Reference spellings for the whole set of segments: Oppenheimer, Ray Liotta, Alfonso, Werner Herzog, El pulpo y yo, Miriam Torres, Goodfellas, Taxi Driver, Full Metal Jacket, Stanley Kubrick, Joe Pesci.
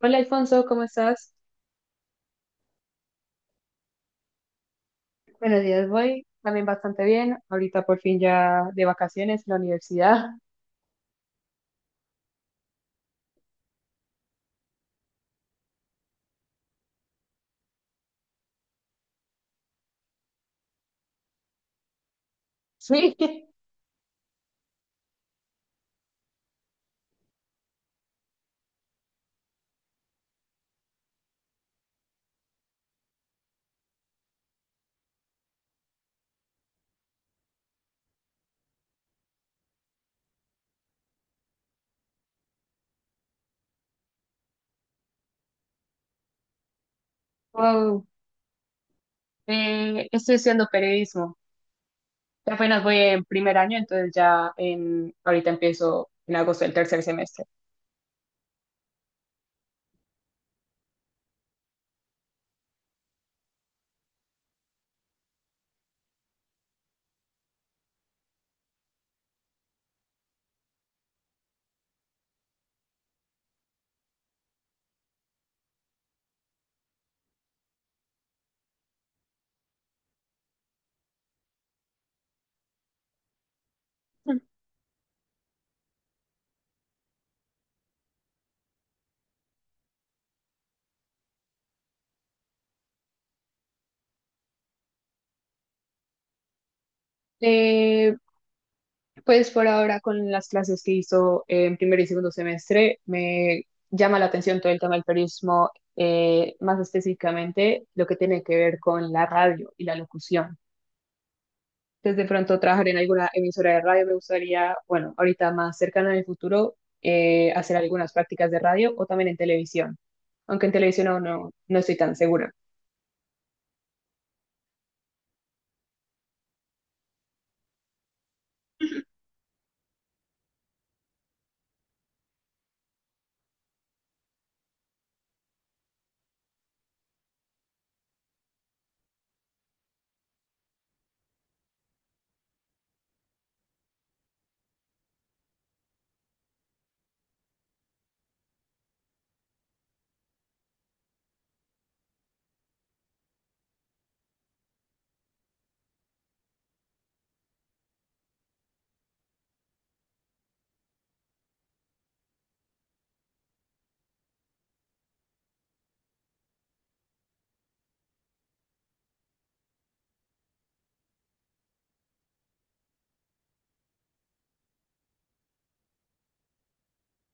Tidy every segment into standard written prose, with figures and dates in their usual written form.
Hola Alfonso, ¿cómo estás? Buenos días, voy también bastante bien. Ahorita por fin ya de vacaciones en la universidad. Sí. Wow. Estoy estudiando periodismo. Apenas voy en primer año, entonces ya en, ahorita empiezo en agosto el tercer semestre. Eh, pues por ahora con las clases que hizo en primer y segundo semestre, me llama la atención todo el tema del periodismo, más específicamente lo que tiene que ver con la radio y la locución. Desde pronto trabajar en alguna emisora de radio. Me gustaría, bueno, ahorita más cercano en el futuro, hacer algunas prácticas de radio o también en televisión, aunque en televisión aún no estoy tan segura.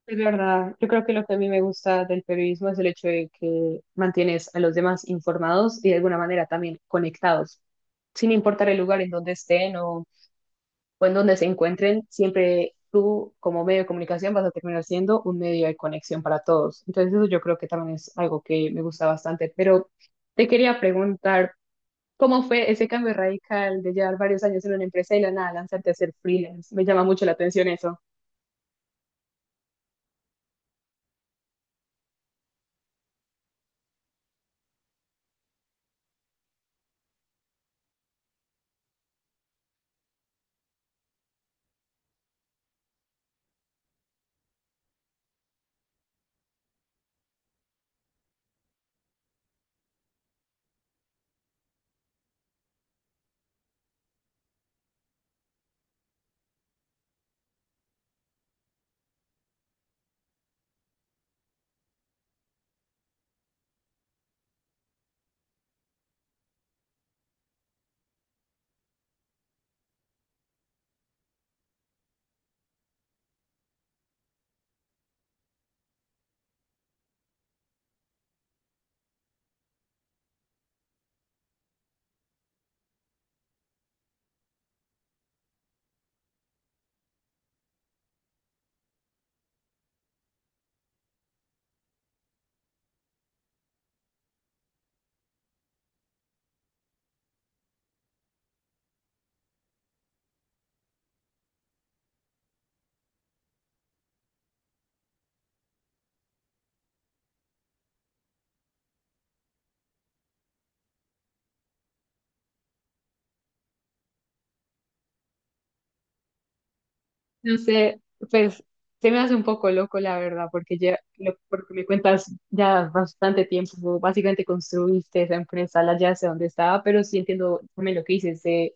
Es verdad, yo creo que lo que a mí me gusta del periodismo es el hecho de que mantienes a los demás informados y de alguna manera también conectados, sin importar el lugar en donde estén o en donde se encuentren, siempre tú como medio de comunicación vas a terminar siendo un medio de conexión para todos. Entonces eso yo creo que también es algo que me gusta bastante, pero te quería preguntar, ¿cómo fue ese cambio radical de llevar varios años en una empresa y de la nada lanzarte a ser freelance? Me llama mucho la atención eso. No sé, pues se me hace un poco loco, la verdad, porque ya, lo, porque me cuentas ya bastante tiempo, básicamente construiste esa empresa, la ya sé dónde estaba, pero sí entiendo también lo que dices, de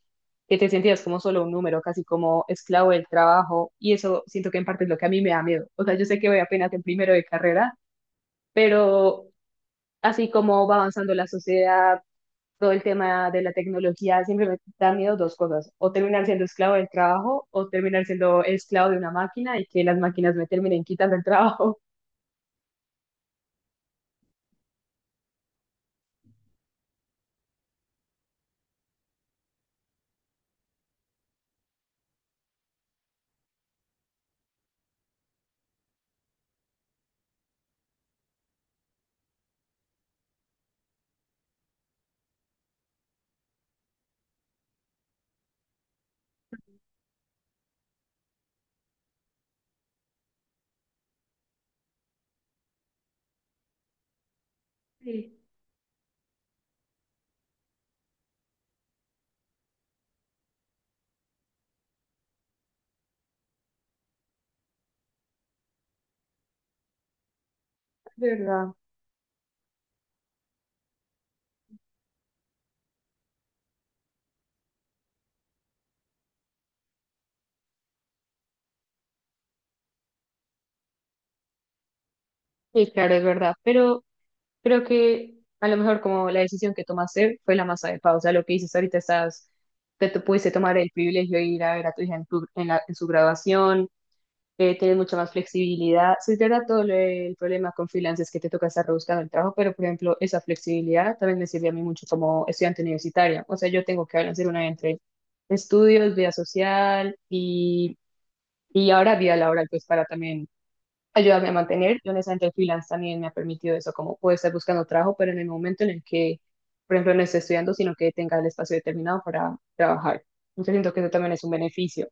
que te sentías como solo un número, casi como esclavo del trabajo, y eso siento que en parte es lo que a mí me da miedo. O sea, yo sé que voy apenas en primero de carrera, pero así como va avanzando la sociedad, todo el tema de la tecnología siempre me da miedo dos cosas, o terminar siendo esclavo del trabajo o terminar siendo esclavo de una máquina y que las máquinas me terminen quitando el trabajo. Sí. Es verdad. Sí, claro, es verdad, pero creo que a lo mejor como la decisión que tomaste fue la más adecuada, o sea, lo que dices ahorita estás, te pudiste tomar el privilegio de ir a ver a tu hija en, tu- en la- en su graduación, tienes mucha más flexibilidad. Sí, es verdad, todo lo- el problema con freelance es que te toca estar rebuscando el trabajo, pero por ejemplo, esa flexibilidad también me sirve a mí mucho como estudiante universitaria. O sea, yo tengo que balancear una entre estudios, vida social y ahora vida laboral, pues para también ayudarme a mantener. Yo honestamente el freelance también me ha permitido eso, como puedo estar buscando trabajo, pero en el momento en el que, por ejemplo, no esté estudiando, sino que tenga el espacio determinado para trabajar. Entonces siento que eso también es un beneficio.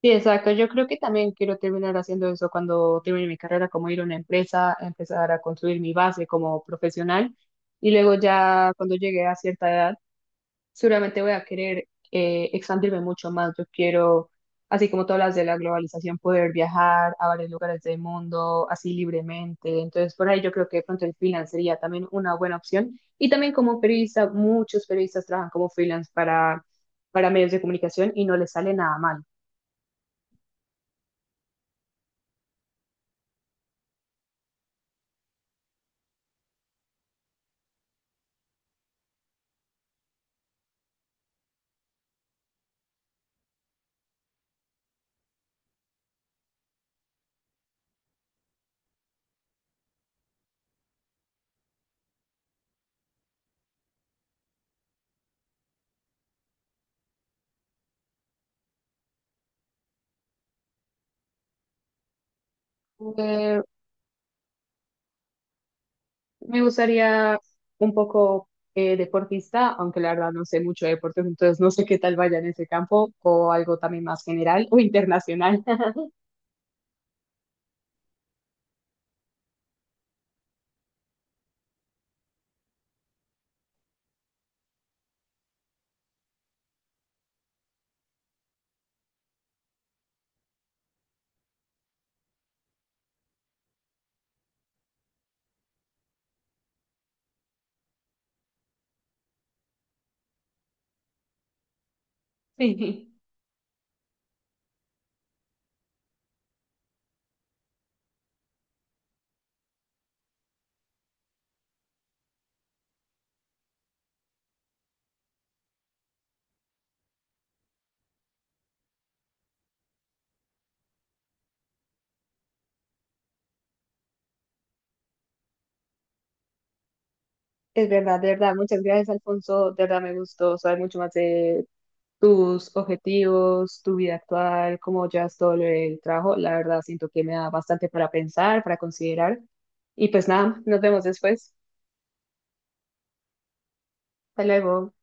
Sí, exacto. Yo creo que también quiero terminar haciendo eso cuando termine mi carrera, como ir a una empresa, empezar a construir mi base como profesional y luego ya cuando llegue a cierta edad, seguramente voy a querer expandirme mucho más. Yo quiero, así como todas las de la globalización, poder viajar a varios lugares del mundo así libremente. Entonces, por ahí yo creo que de pronto el freelance sería también una buena opción. Y también como periodista, muchos periodistas trabajan como freelance para medios de comunicación y no les sale nada mal. Me gustaría un poco deportista, aunque la verdad no sé mucho de deportes, entonces no sé qué tal vaya en ese campo o algo también más general o internacional. Sí, es verdad, de verdad. Muchas gracias, Alfonso. De verdad me gustó saber mucho más de tus objetivos, tu vida actual, cómo llevas todo el trabajo. La verdad siento que me da bastante para pensar, para considerar. Y pues nada, nos vemos después. Hasta luego.